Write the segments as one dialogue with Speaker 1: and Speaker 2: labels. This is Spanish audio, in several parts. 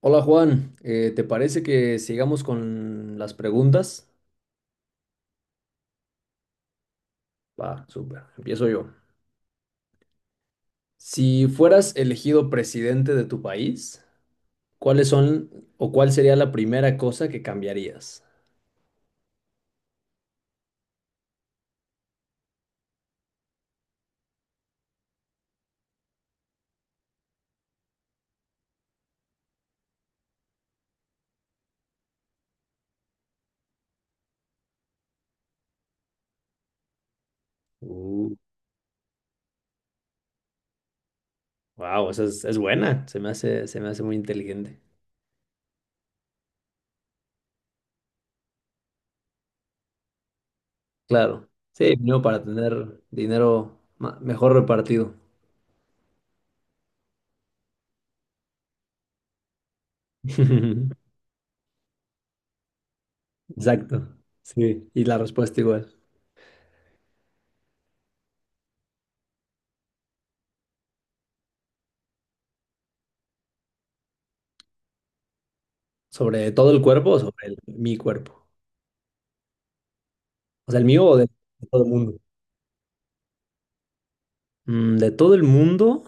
Speaker 1: Hola Juan, ¿te parece que sigamos con las preguntas? Va, súper, empiezo yo. Si fueras elegido presidente de tu país, ¿cuáles son o cuál sería la primera cosa que cambiarías? Uh, wow, esa es buena, se me hace muy inteligente. Claro, sí, no para tener dinero mejor repartido. Exacto, sí, y la respuesta igual. ¿Sobre todo el cuerpo o sobre mi cuerpo? O sea, el mío o de todo el mundo. De todo el mundo,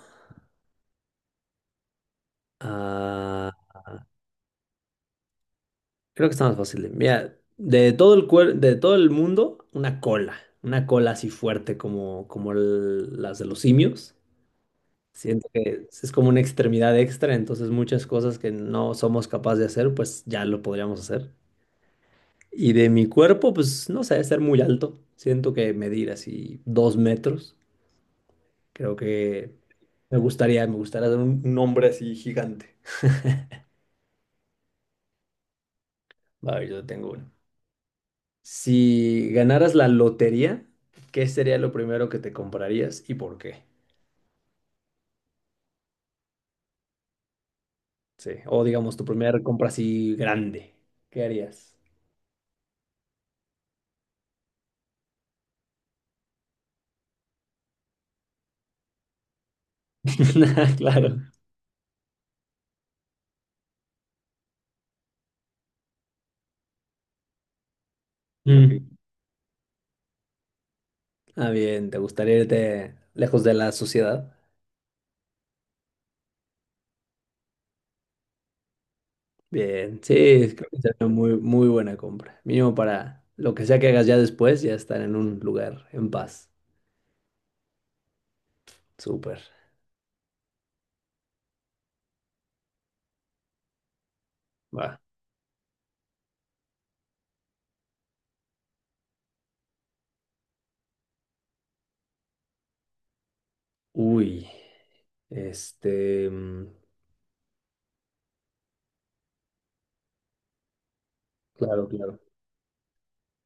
Speaker 1: ah, creo que está más fácil. Mira, de todo el de todo el mundo, una cola así fuerte como las de los simios. Siento que es como una extremidad extra, entonces muchas cosas que no somos capaces de hacer, pues ya lo podríamos hacer. Y de mi cuerpo, pues no sé, ser muy alto. Siento que medir así 2 metros, creo que me gustaría ser un hombre así gigante. A ver, yo tengo uno. Si ganaras la lotería, ¿qué sería lo primero que te comprarías y por qué? Sí. O digamos, tu primera compra así grande. ¿Qué harías? Claro. Mm. Ok. Ah, bien, ¿te gustaría irte lejos de la sociedad? Bien, sí, creo que sería una muy, muy buena compra. Mínimo para lo que sea que hagas ya después, ya estar en un lugar en paz. Súper. Va. Uy. Este. mm, Claro, claro.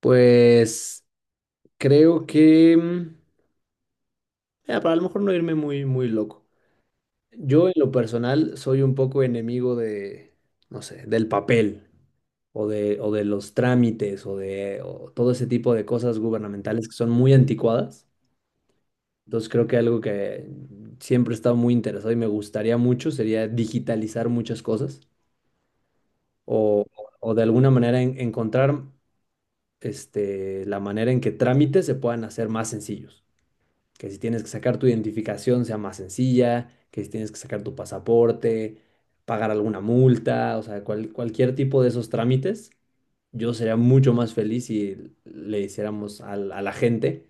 Speaker 1: Pues. Creo que para a lo mejor no irme muy, muy loco. Yo en lo personal soy un poco enemigo de, no sé, del papel o de los trámites o todo ese tipo de cosas gubernamentales que son muy anticuadas. Entonces creo que algo que siempre he estado muy interesado y me gustaría mucho sería digitalizar muchas cosas o, o de alguna manera encontrar la manera en que trámites se puedan hacer más sencillos. Que si tienes que sacar tu identificación sea más sencilla, que si tienes que sacar tu pasaporte, pagar alguna multa, o sea, cualquier tipo de esos trámites, yo sería mucho más feliz si le hiciéramos a la gente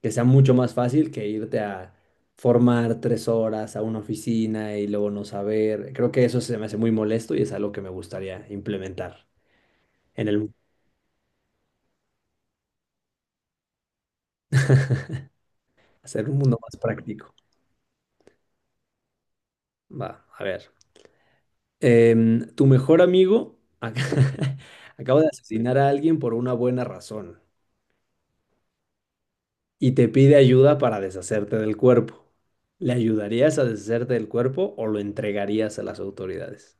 Speaker 1: que sea mucho más fácil que irte a formar 3 horas a una oficina y luego no saber. Creo que eso se me hace muy molesto y es algo que me gustaría implementar en el mundo, hacer un mundo más práctico. Va, a ver. Tu mejor amigo acaba de asesinar a alguien por una buena razón y te pide ayuda para deshacerte del cuerpo. ¿Le ayudarías a deshacerte del cuerpo o lo entregarías a las autoridades?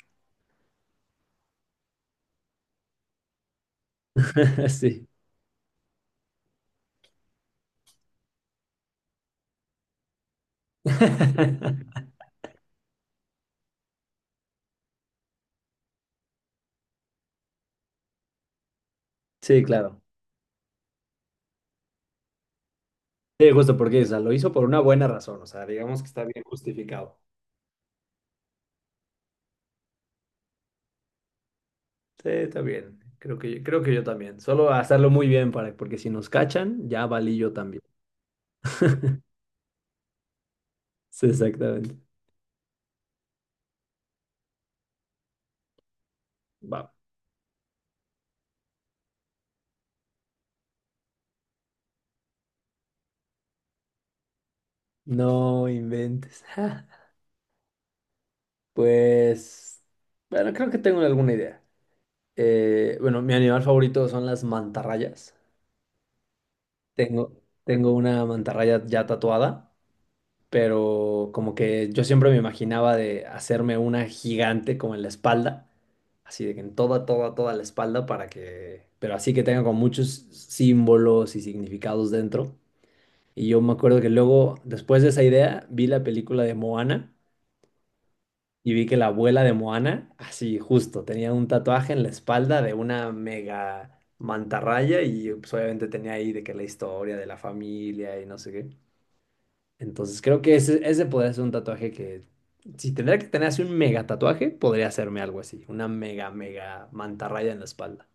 Speaker 1: Sí. Sí, claro. Sí, justo porque, o sea, lo hizo por una buena razón, o sea, digamos que está bien justificado. Sí, está bien. Creo que yo también. Solo hacerlo muy bien para, porque si nos cachan, ya valí yo también. Sí, exactamente. Va. No inventes. Pues, bueno, creo que tengo alguna idea. Bueno, mi animal favorito son las mantarrayas. Tengo, tengo una mantarraya ya tatuada, pero como que yo siempre me imaginaba de hacerme una gigante como en la espalda, así de que en toda, toda, toda la espalda para que, pero así que tenga con muchos símbolos y significados dentro. Y yo me acuerdo que luego, después de esa idea, vi la película de Moana. Y vi que la abuela de Moana, así justo, tenía un tatuaje en la espalda de una mega mantarraya y pues, obviamente tenía ahí de que la historia de la familia y no sé qué. Entonces creo que ese podría ser un tatuaje que, si tendría que tener así un mega tatuaje, podría hacerme algo así, una mega, mega mantarraya en la espalda.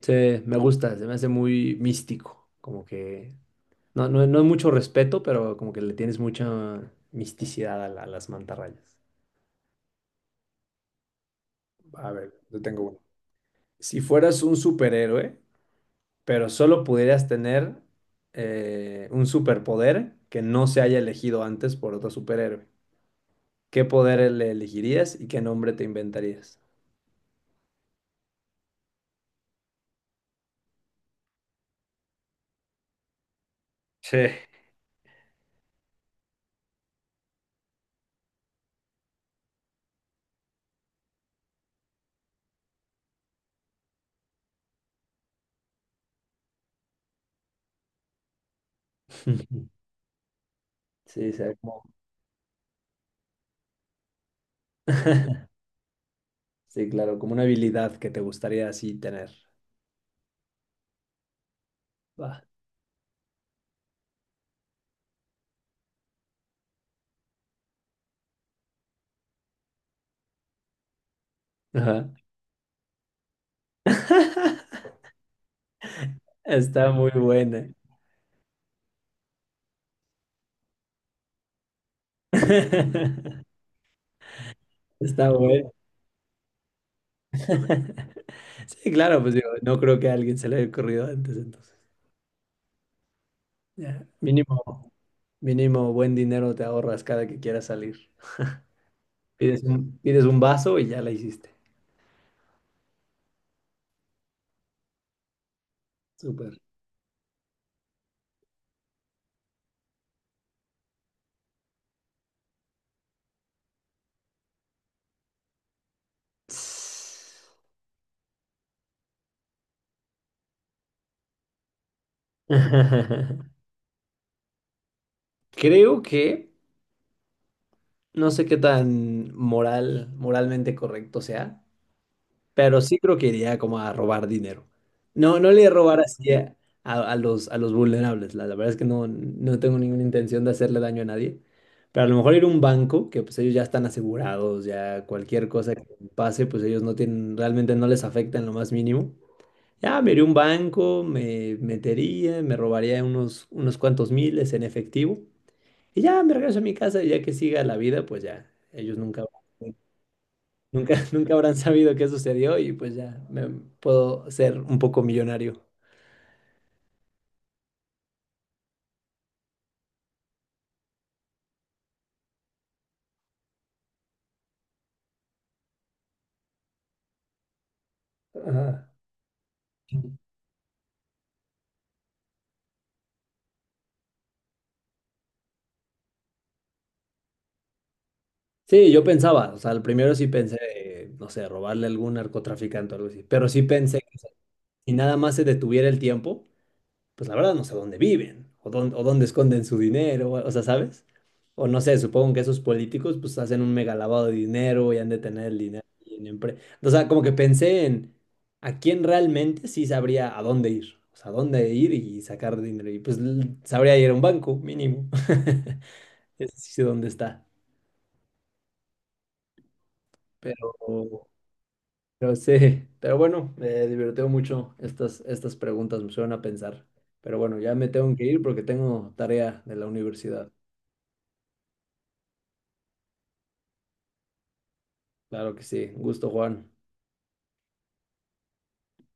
Speaker 1: Sí, me gusta, se me hace muy místico, como que no, no, no es mucho respeto, pero como que le tienes mucha misticidad a, a las mantarrayas. A ver, yo tengo una. Si fueras un superhéroe, pero solo pudieras tener un superpoder que no se haya elegido antes por otro superhéroe, ¿qué poder le elegirías y qué nombre te inventarías? Sí. Sí, Sí, claro, como una habilidad que te gustaría así tener. Va. Ajá. Está muy buena. Está buena. Sí, claro, pues digo, no creo que a alguien se le haya ocurrido antes, entonces. Ya, Mínimo. Mínimo buen dinero te ahorras cada que quieras salir. Pides un vaso y ya la hiciste. Súper. Creo que no sé qué tan moralmente correcto sea, pero sí creo que iría como a robar dinero. No, no le robar así a los vulnerables. La verdad es que no tengo ninguna intención de hacerle daño a nadie. Pero a lo mejor ir a un banco, que pues ellos ya están asegurados, ya cualquier cosa que pase, pues ellos no tienen, realmente no les afecta en lo más mínimo. Ya me iría a un banco, me metería, me robaría unos cuantos miles en efectivo. Y ya me regreso a mi casa y ya que siga la vida, pues ya, ellos nunca nunca habrán sabido qué sucedió y pues ya me puedo ser un poco millonario. Ajá. Sí, yo pensaba, o sea, al primero sí pensé, no sé, robarle a algún narcotraficante o algo así, pero sí pensé que si nada más se detuviera el tiempo, pues la verdad no sé dónde viven o dónde esconden su dinero, o sea, ¿sabes? O no sé, supongo que esos políticos pues hacen un mega lavado de dinero y han de tener el dinero. O sea, como que pensé en a quién realmente sí sabría a dónde ir, o sea, a dónde ir y sacar dinero. Y pues sabría ir a un banco mínimo. Ese sí sé dónde está. Pero, pero sí, pero bueno, me divirtió mucho estas preguntas, me suelen a pensar. Pero bueno, ya me tengo que ir porque tengo tarea de la universidad. Claro que sí. Un gusto, Juan.